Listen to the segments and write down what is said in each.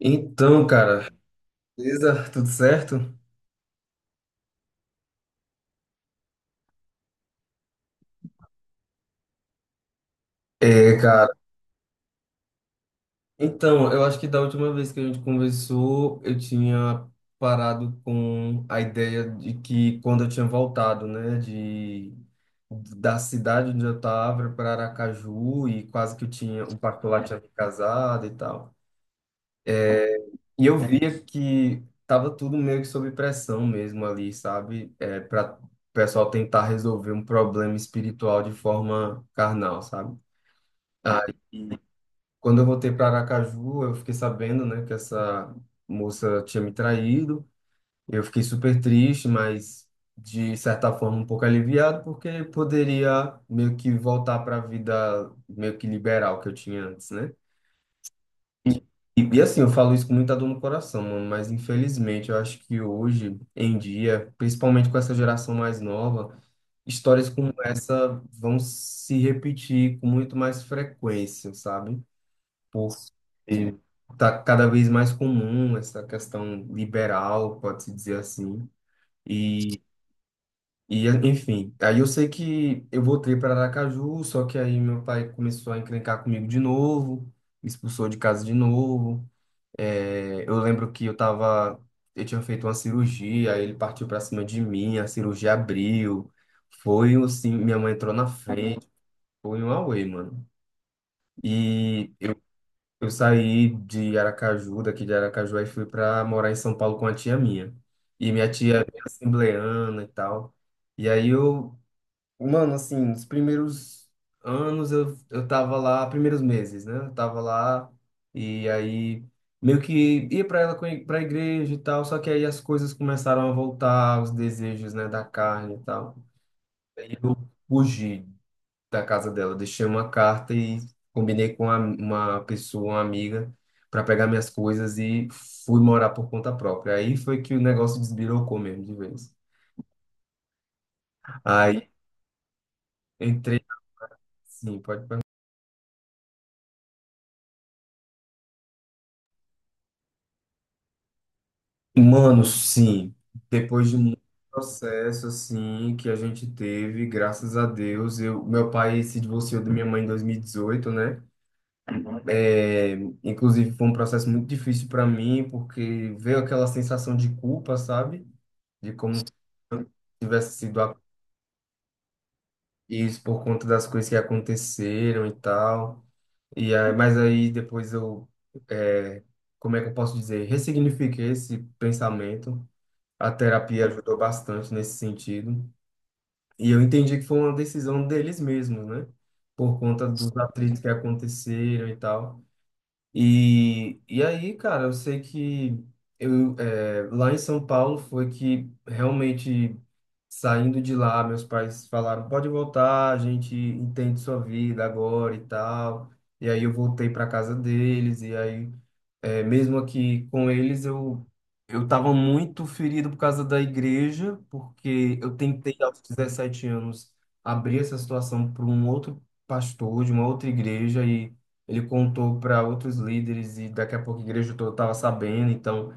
Então, cara, beleza? Tudo certo? É, cara. Então, eu acho que da última vez que a gente conversou, eu tinha parado com a ideia de que quando eu tinha voltado, né, de da cidade onde eu estava para Aracaju e quase que eu tinha o particular tinha me casado e tal. E eu via que tava tudo meio que sob pressão mesmo ali, sabe? É, para o pessoal tentar resolver um problema espiritual de forma carnal, sabe? Quando eu voltei para Aracaju, eu fiquei sabendo, né, que essa moça tinha me traído. Eu fiquei super triste, mas de certa forma um pouco aliviado, porque poderia meio que voltar para a vida meio que liberal que eu tinha antes, né? E, e assim, eu falo isso com muita dor no coração, mano, mas infelizmente eu acho que hoje em dia, principalmente com essa geração mais nova, histórias como essa vão se repetir com muito mais frequência, sabe? Porque tá cada vez mais comum essa questão liberal, pode-se dizer assim. E, e enfim, aí eu sei que eu voltei para Aracaju, só que aí meu pai começou a encrencar comigo de novo, me expulsou de casa de novo. É, eu lembro que eu tava, eu tinha feito uma cirurgia, aí ele partiu para cima de mim, a cirurgia abriu, foi assim, minha mãe entrou na frente, foi um auê, mano. E eu saí de Aracaju, daqui de Aracaju, e fui para morar em São Paulo com a tia minha. E minha tia é bem assembleana e tal. E aí eu, mano, assim, nos primeiros anos eu tava lá, primeiros meses, né? Eu tava lá e aí meio que ia para ela para a igreja e tal, só que aí as coisas começaram a voltar, os desejos, né, da carne e tal. Aí eu fugi da casa dela. Deixei uma carta e combinei com uma pessoa, uma amiga, para pegar minhas coisas e fui morar por conta própria. Aí foi que o negócio desbirocou mesmo de vez. Aí entrei, sim, pode perguntar. Mano, sim, depois de muito processo assim que a gente teve, graças a Deus, eu, meu pai se divorciou da minha mãe em 2018, né? É, inclusive foi um processo muito difícil para mim, porque veio aquela sensação de culpa, sabe? De como tivesse sido isso por conta das coisas que aconteceram e tal. E aí, mas aí depois eu, é, como é que eu posso dizer? Ressignifiquei esse pensamento. A terapia ajudou bastante nesse sentido. E eu entendi que foi uma decisão deles mesmos, né? Por conta dos atritos que aconteceram e tal. E aí, cara, eu sei que eu, é, lá em São Paulo foi que realmente, saindo de lá, meus pais falaram: pode voltar, a gente entende sua vida agora e tal. E aí eu voltei para casa deles, e aí é, mesmo aqui com eles, eu estava muito ferido por causa da igreja, porque eu tentei aos 17 anos abrir essa situação para um outro pastor de uma outra igreja e ele contou para outros líderes e daqui a pouco a igreja toda estava sabendo. Então,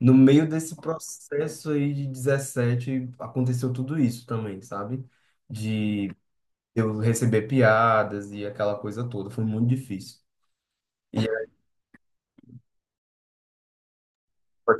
no meio desse processo aí de 17, aconteceu tudo isso também, sabe? De eu receber piadas e aquela coisa toda, foi muito difícil. E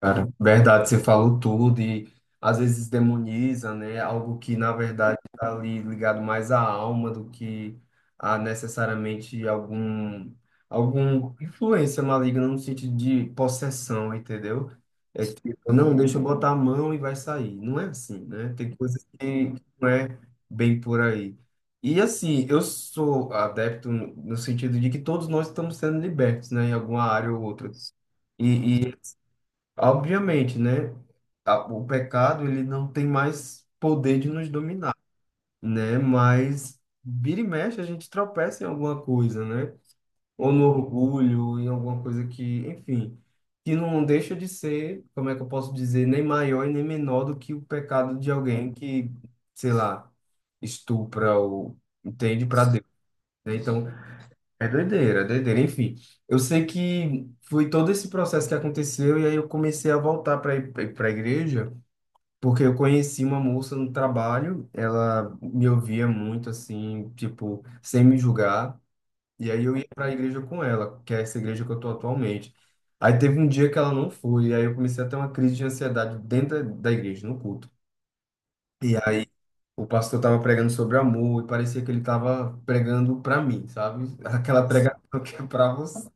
cara, verdade, você falou tudo e às vezes demoniza, né? Algo que na verdade está ali ligado mais à alma do que a necessariamente algum influência maligna no sentido de possessão, entendeu? É tipo, não, deixa eu botar a mão e vai sair. Não é assim, né? Tem coisas que não é bem por aí. E assim, eu sou adepto no sentido de que todos nós estamos sendo libertos, né? Em alguma área ou outra. E, Obviamente, né? O pecado, ele não tem mais poder de nos dominar, né? Mas vira e mexe, a gente tropeça em alguma coisa, né? Ou no orgulho, em alguma coisa que, enfim, que não deixa de ser, como é que eu posso dizer, nem maior e nem menor do que o pecado de alguém que, sei lá, estupra ou entende para Deus, né? Então, é doideira, é doideira. Enfim, eu sei que foi todo esse processo que aconteceu e aí eu comecei a voltar para para a igreja, porque eu conheci uma moça no trabalho, ela me ouvia muito assim, tipo, sem me julgar, e aí eu ia para a igreja com ela, que é essa igreja que eu tô atualmente. Aí teve um dia que ela não foi, e aí eu comecei a ter uma crise de ansiedade dentro da igreja, no culto. E aí o pastor estava pregando sobre amor e parecia que ele estava pregando para mim, sabe? Aquela pregação que é para você.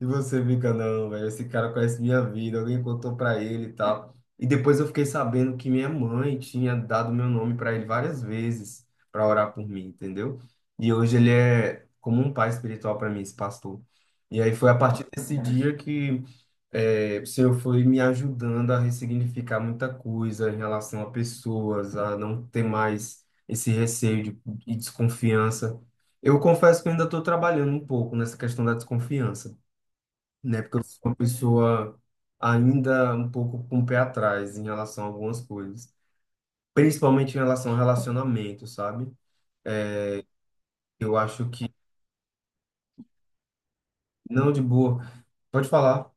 E você fica, não, velho, esse cara conhece minha vida, alguém contou pra ele e tal. E depois eu fiquei sabendo que minha mãe tinha dado meu nome pra ele várias vezes pra orar por mim, entendeu? E hoje ele é como um pai espiritual pra mim, esse pastor. E aí foi a partir desse dia que o Senhor foi me ajudando a ressignificar muita coisa em relação a pessoas, a não ter mais esse receio de, e desconfiança. Eu confesso que eu ainda estou trabalhando um pouco nessa questão da desconfiança, né? Porque eu sou uma pessoa ainda um pouco com o pé atrás em relação a algumas coisas, principalmente em relação ao relacionamento, sabe? Eu acho que não, de boa. Pode falar.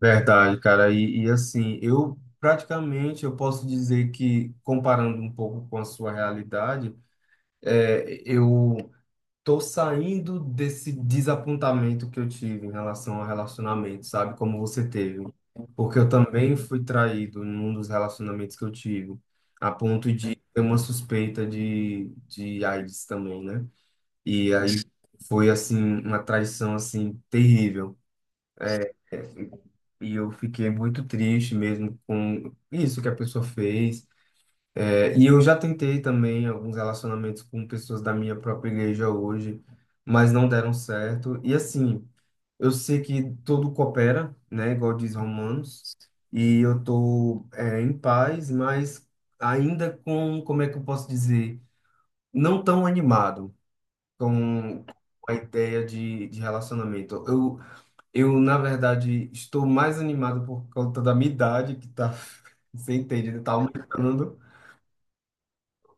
Verdade, cara. E assim, eu praticamente eu posso dizer que comparando um pouco com a sua realidade, é, eu tô saindo desse desapontamento que eu tive em relação ao relacionamento, sabe? Como você teve. Porque eu também fui traído num dos relacionamentos que eu tive, a ponto de ter uma suspeita de AIDS também, né? E aí foi, assim, uma traição, assim, terrível. E eu fiquei muito triste mesmo com isso que a pessoa fez. É, e eu já tentei também alguns relacionamentos com pessoas da minha própria igreja hoje, mas não deram certo. E assim, eu sei que tudo coopera, né? Igual diz Romanos, e eu tô, é, em paz, mas ainda com, como é que eu posso dizer, não tão animado com a ideia de relacionamento. Eu na verdade, estou mais animado por conta da minha idade, que tá, você entende, né, tá aumentando.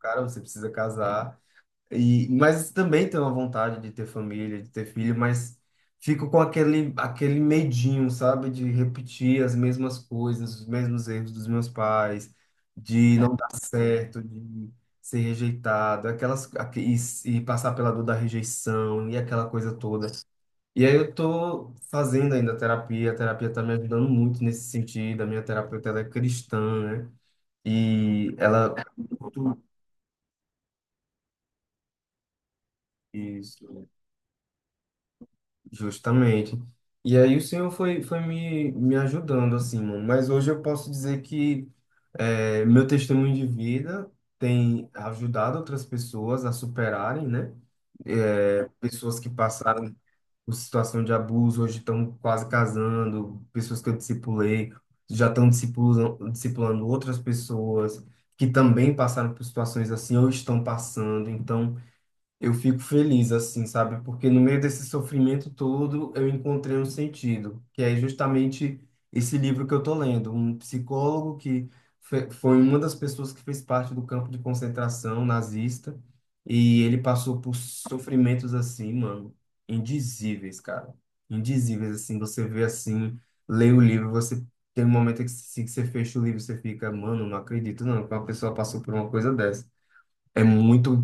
Cara, você precisa casar. E, mas também tenho a vontade de ter família, de ter filho, mas fico com aquele, aquele medinho, sabe? De repetir as mesmas coisas, os mesmos erros dos meus pais, de não dar certo, de ser rejeitado, aquelas, e passar pela dor da rejeição e aquela coisa toda. E aí eu tô fazendo ainda terapia, a terapia tá me ajudando muito nesse sentido, a minha terapeuta ela é cristã, né? E ela... Isso. Justamente. E aí o Senhor foi, foi me, me ajudando, assim, mano. Mas hoje eu posso dizer que meu testemunho de vida tem ajudado outras pessoas a superarem, né? Pessoas que passaram por situação de abuso, hoje estão quase casando, pessoas que eu discipulei, já estão discipulando, discipulando outras pessoas que também passaram por situações assim ou estão passando. Então, eu fico feliz assim, sabe? Porque no meio desse sofrimento todo eu encontrei um sentido, que é justamente esse livro que eu tô lendo, um psicólogo que foi uma das pessoas que fez parte do campo de concentração nazista e ele passou por sofrimentos assim, mano, indizíveis, cara. Indizíveis assim, você vê assim, lê o livro, você tem um momento que assim, que você fecha o livro, você fica, mano, não acredito não que uma pessoa passou por uma coisa dessa. É muito...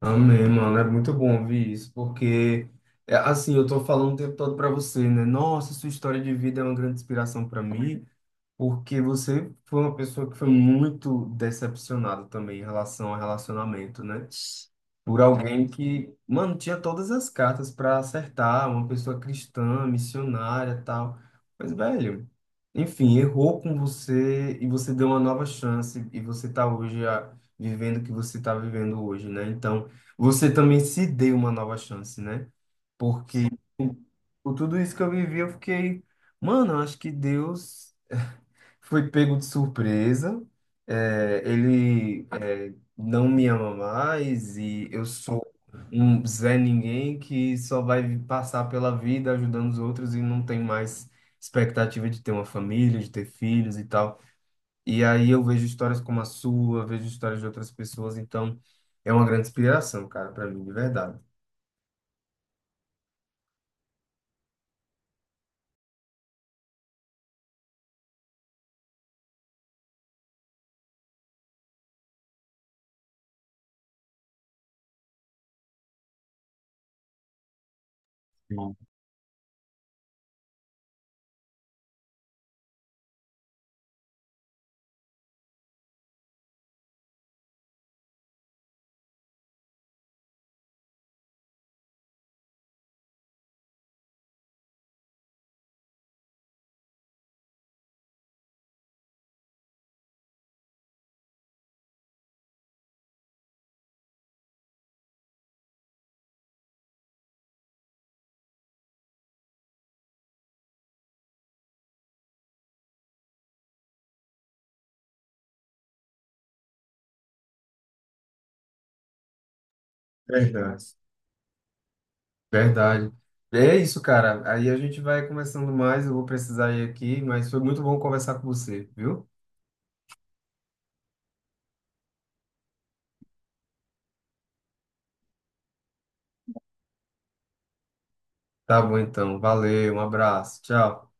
Amém, mano. É muito bom ouvir isso, porque, é, assim, eu tô falando o tempo todo pra você, né? Nossa, sua história de vida é uma grande inspiração pra mim, porque você foi uma pessoa que foi muito decepcionada também em relação ao relacionamento, né? Por alguém que, mano, tinha todas as cartas para acertar, uma pessoa cristã, missionária, tal. Mas, velho, enfim, errou com você e você deu uma nova chance e você tá hoje ah, vivendo o que você tá vivendo hoje, né? Então, você também se deu uma nova chance, né? Porque com com tudo isso que eu vivi, eu fiquei, mano, eu acho que Deus foi pego de surpresa. É, ele não me ama mais e eu sou um Zé Ninguém que só vai passar pela vida ajudando os outros e não tem mais expectativa de ter uma família, de ter filhos e tal. E aí eu vejo histórias como a sua, vejo histórias de outras pessoas, então é uma grande inspiração, cara, para mim, de verdade. Não. Verdade, verdade. É isso, cara. Aí a gente vai conversando mais. Eu vou precisar ir aqui, mas foi muito bom conversar com você, viu? Tá bom, então. Valeu, um abraço. Tchau.